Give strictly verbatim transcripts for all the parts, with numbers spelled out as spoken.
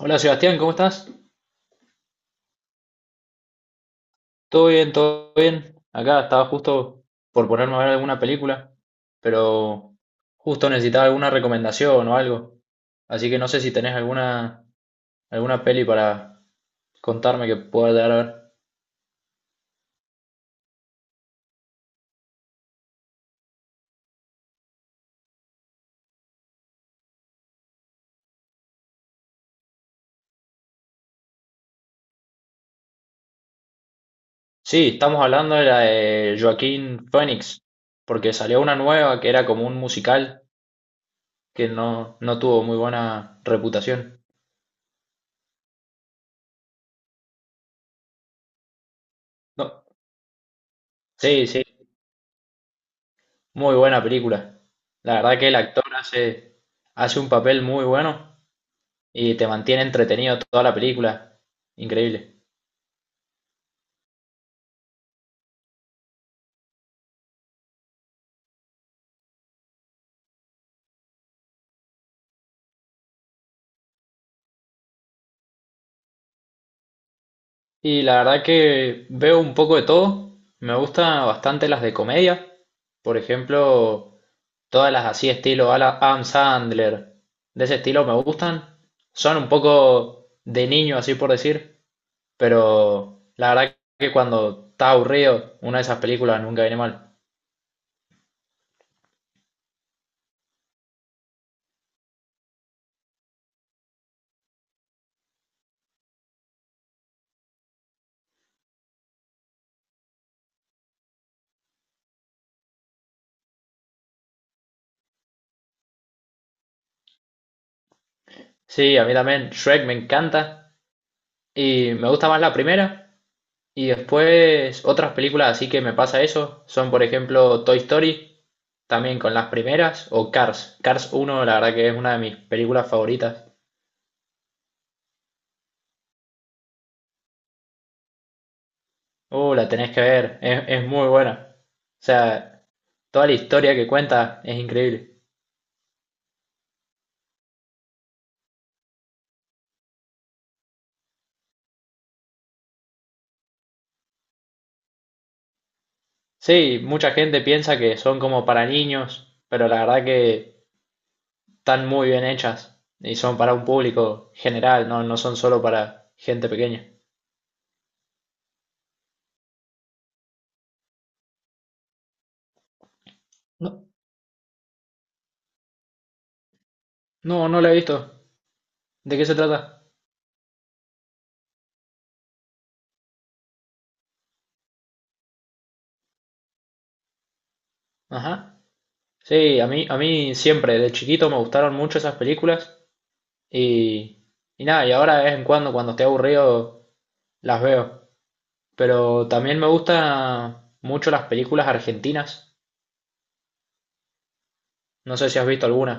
Hola Sebastián, ¿cómo estás? ¿Todo bien? ¿Todo bien? Acá estaba justo por ponerme a ver alguna película, pero justo necesitaba alguna recomendación o algo. Así que no sé si tenés alguna, alguna peli para contarme que pueda llegar a ver. Sí, estamos hablando de la de Joaquín Phoenix, porque salió una nueva que era como un musical que no, no tuvo muy buena reputación. No, sí, sí, muy buena película. La verdad que el actor hace, hace un papel muy bueno y te mantiene entretenido toda la película. Increíble. Y la verdad que veo un poco de todo. Me gustan bastante las de comedia. Por ejemplo, todas las así estilo Ala- Adam Sandler. De ese estilo me gustan. Son un poco de niño, así por decir. Pero la verdad que cuando está aburrido, una de esas películas nunca viene mal. Sí, a mí también Shrek me encanta. Y me gusta más la primera. Y después otras películas así que me pasa eso, son por ejemplo Toy Story, también con las primeras, o Cars. Cars uno la verdad que es una de mis películas favoritas. Uh, la tenés que ver, es, es muy buena. O sea, toda la historia que cuenta es increíble. Sí, mucha gente piensa que son como para niños, pero la verdad que están muy bien hechas y son para un público general, no, no son solo para gente pequeña. No, no, no la he visto. ¿De qué se trata? Ajá. Sí, a mí, a mí siempre, de chiquito me gustaron mucho esas películas y, y nada, y ahora de vez en cuando, cuando estoy aburrido, las veo. Pero también me gustan mucho las películas argentinas, no sé si has visto alguna.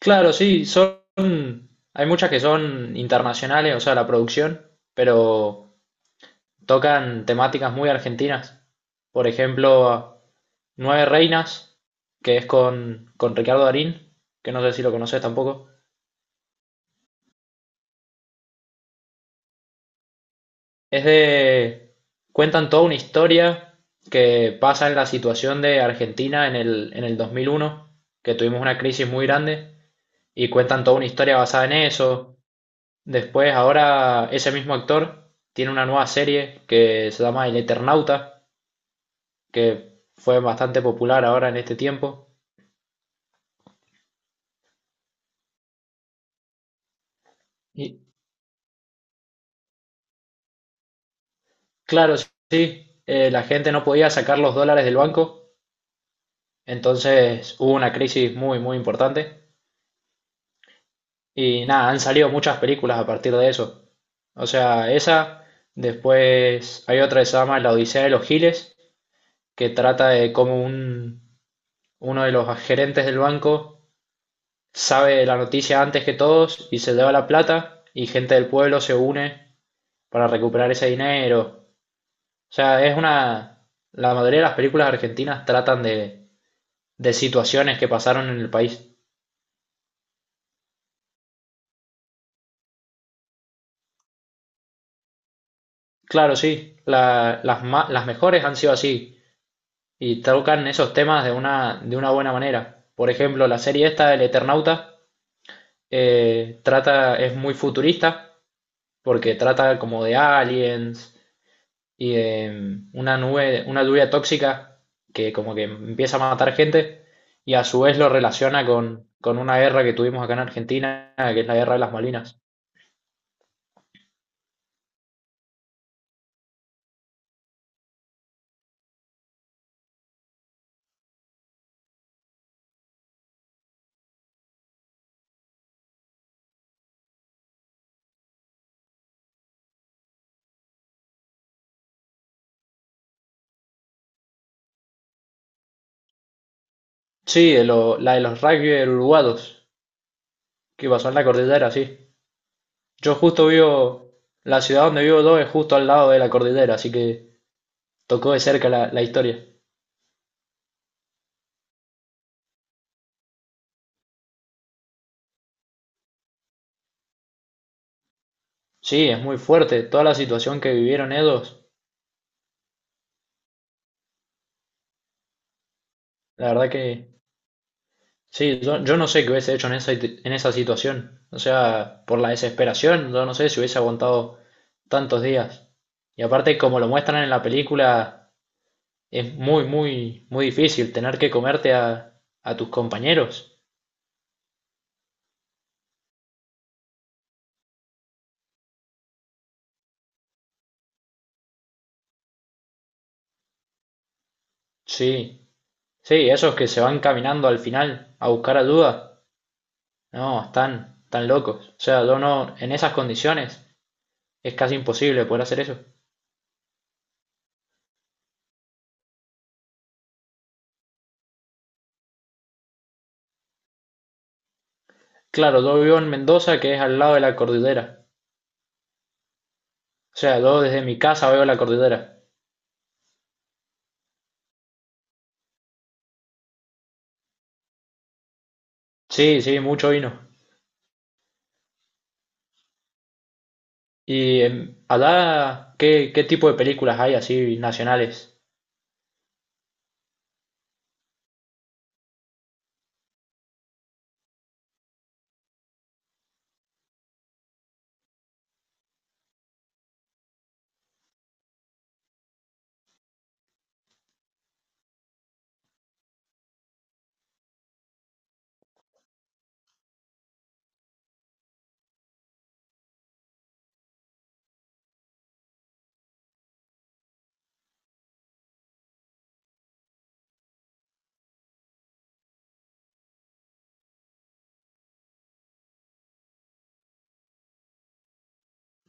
Claro, sí, son, hay muchas que son internacionales, o sea, la producción, pero tocan temáticas muy argentinas. Por ejemplo, Nueve Reinas, que es con, con Ricardo Darín, que no sé si lo conoces tampoco. Es de... cuentan toda una historia que pasa en la situación de Argentina en el, en el dos mil uno que tuvimos una crisis muy grande, y cuentan toda una historia basada en eso. Después, ahora ese mismo actor tiene una nueva serie que se llama El Eternauta, que fue bastante popular ahora en este tiempo. Y claro, sí, eh, la gente no podía sacar los dólares del banco, entonces hubo una crisis muy, muy importante. Y nada, han salido muchas películas a partir de eso. O sea, esa, después hay otra que se llama La Odisea de los Giles, que trata de cómo un, uno de los gerentes del banco sabe la noticia antes que todos y se lleva la plata y gente del pueblo se une para recuperar ese dinero. O sea, es una... La mayoría de las películas argentinas tratan de, de situaciones que pasaron en el país. Claro, sí, la- las, ma- las mejores han sido así. Y tocan esos temas de una, de una buena manera. Por ejemplo, la serie esta, El Eternauta, eh, trata, es muy futurista, porque trata como de aliens y de mm, una nube, una lluvia tóxica que como que empieza a matar gente y a su vez lo relaciona con, con una guerra que tuvimos acá en Argentina, que es la guerra de las Malinas. Sí, de lo- la de los rugby uruguayos que pasó en la cordillera, sí. Yo justo vivo, la ciudad donde vivo yo es justo al lado de la cordillera, así que tocó de cerca la, la historia. Sí, es muy fuerte toda la situación que vivieron ellos. La verdad que sí, yo, yo no sé qué hubiese hecho en esa, en esa situación. O sea, por la desesperación, yo no sé si hubiese aguantado tantos días. Y aparte, como lo muestran en la película, es muy, muy, muy difícil tener que comerte a, a tus compañeros. Sí, sí, esos que se van caminando al final a buscar ayuda. No, están, están locos. O sea, yo no, en esas condiciones es casi imposible poder hacer eso. Claro, yo vivo en Mendoza, que es al lado de la cordillera. O sea, yo desde mi casa veo la cordillera. Sí, sí, mucho vino. Y em, allá, ¿qué, qué tipo de películas hay así nacionales?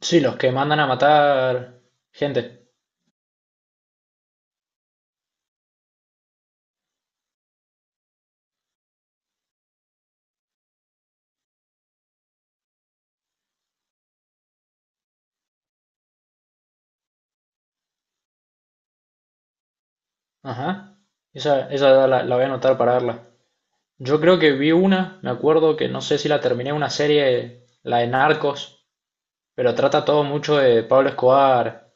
Sí, los que mandan a matar gente. Ajá. Esa, esa la, la voy a anotar para verla. Yo creo que vi una, me acuerdo que no sé si la terminé, una serie, la de Narcos, pero trata todo mucho de Pablo Escobar.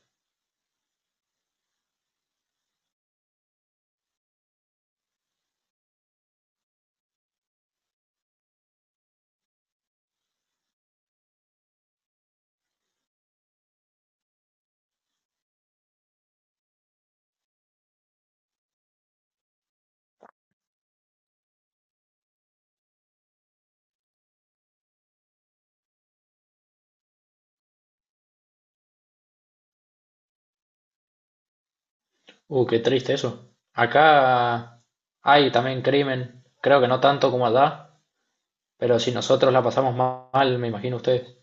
Uh, qué triste eso. Acá hay también crimen. Creo que no tanto como allá, pero si nosotros la pasamos ma- mal, me imagino ustedes.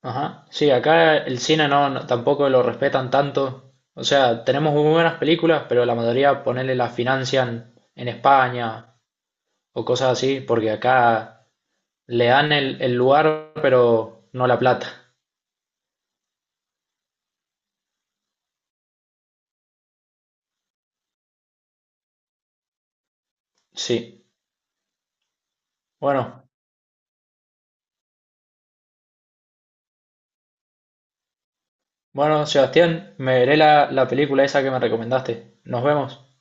Ajá. Sí, acá el cine no, no- tampoco lo respetan tanto. O sea, tenemos muy buenas películas, pero la mayoría ponerle las financian en España o cosas así, porque acá le dan el, el lugar, pero no la plata. Sí. Bueno, bueno, Sebastián, me veré la, la película esa que me recomendaste. Nos vemos.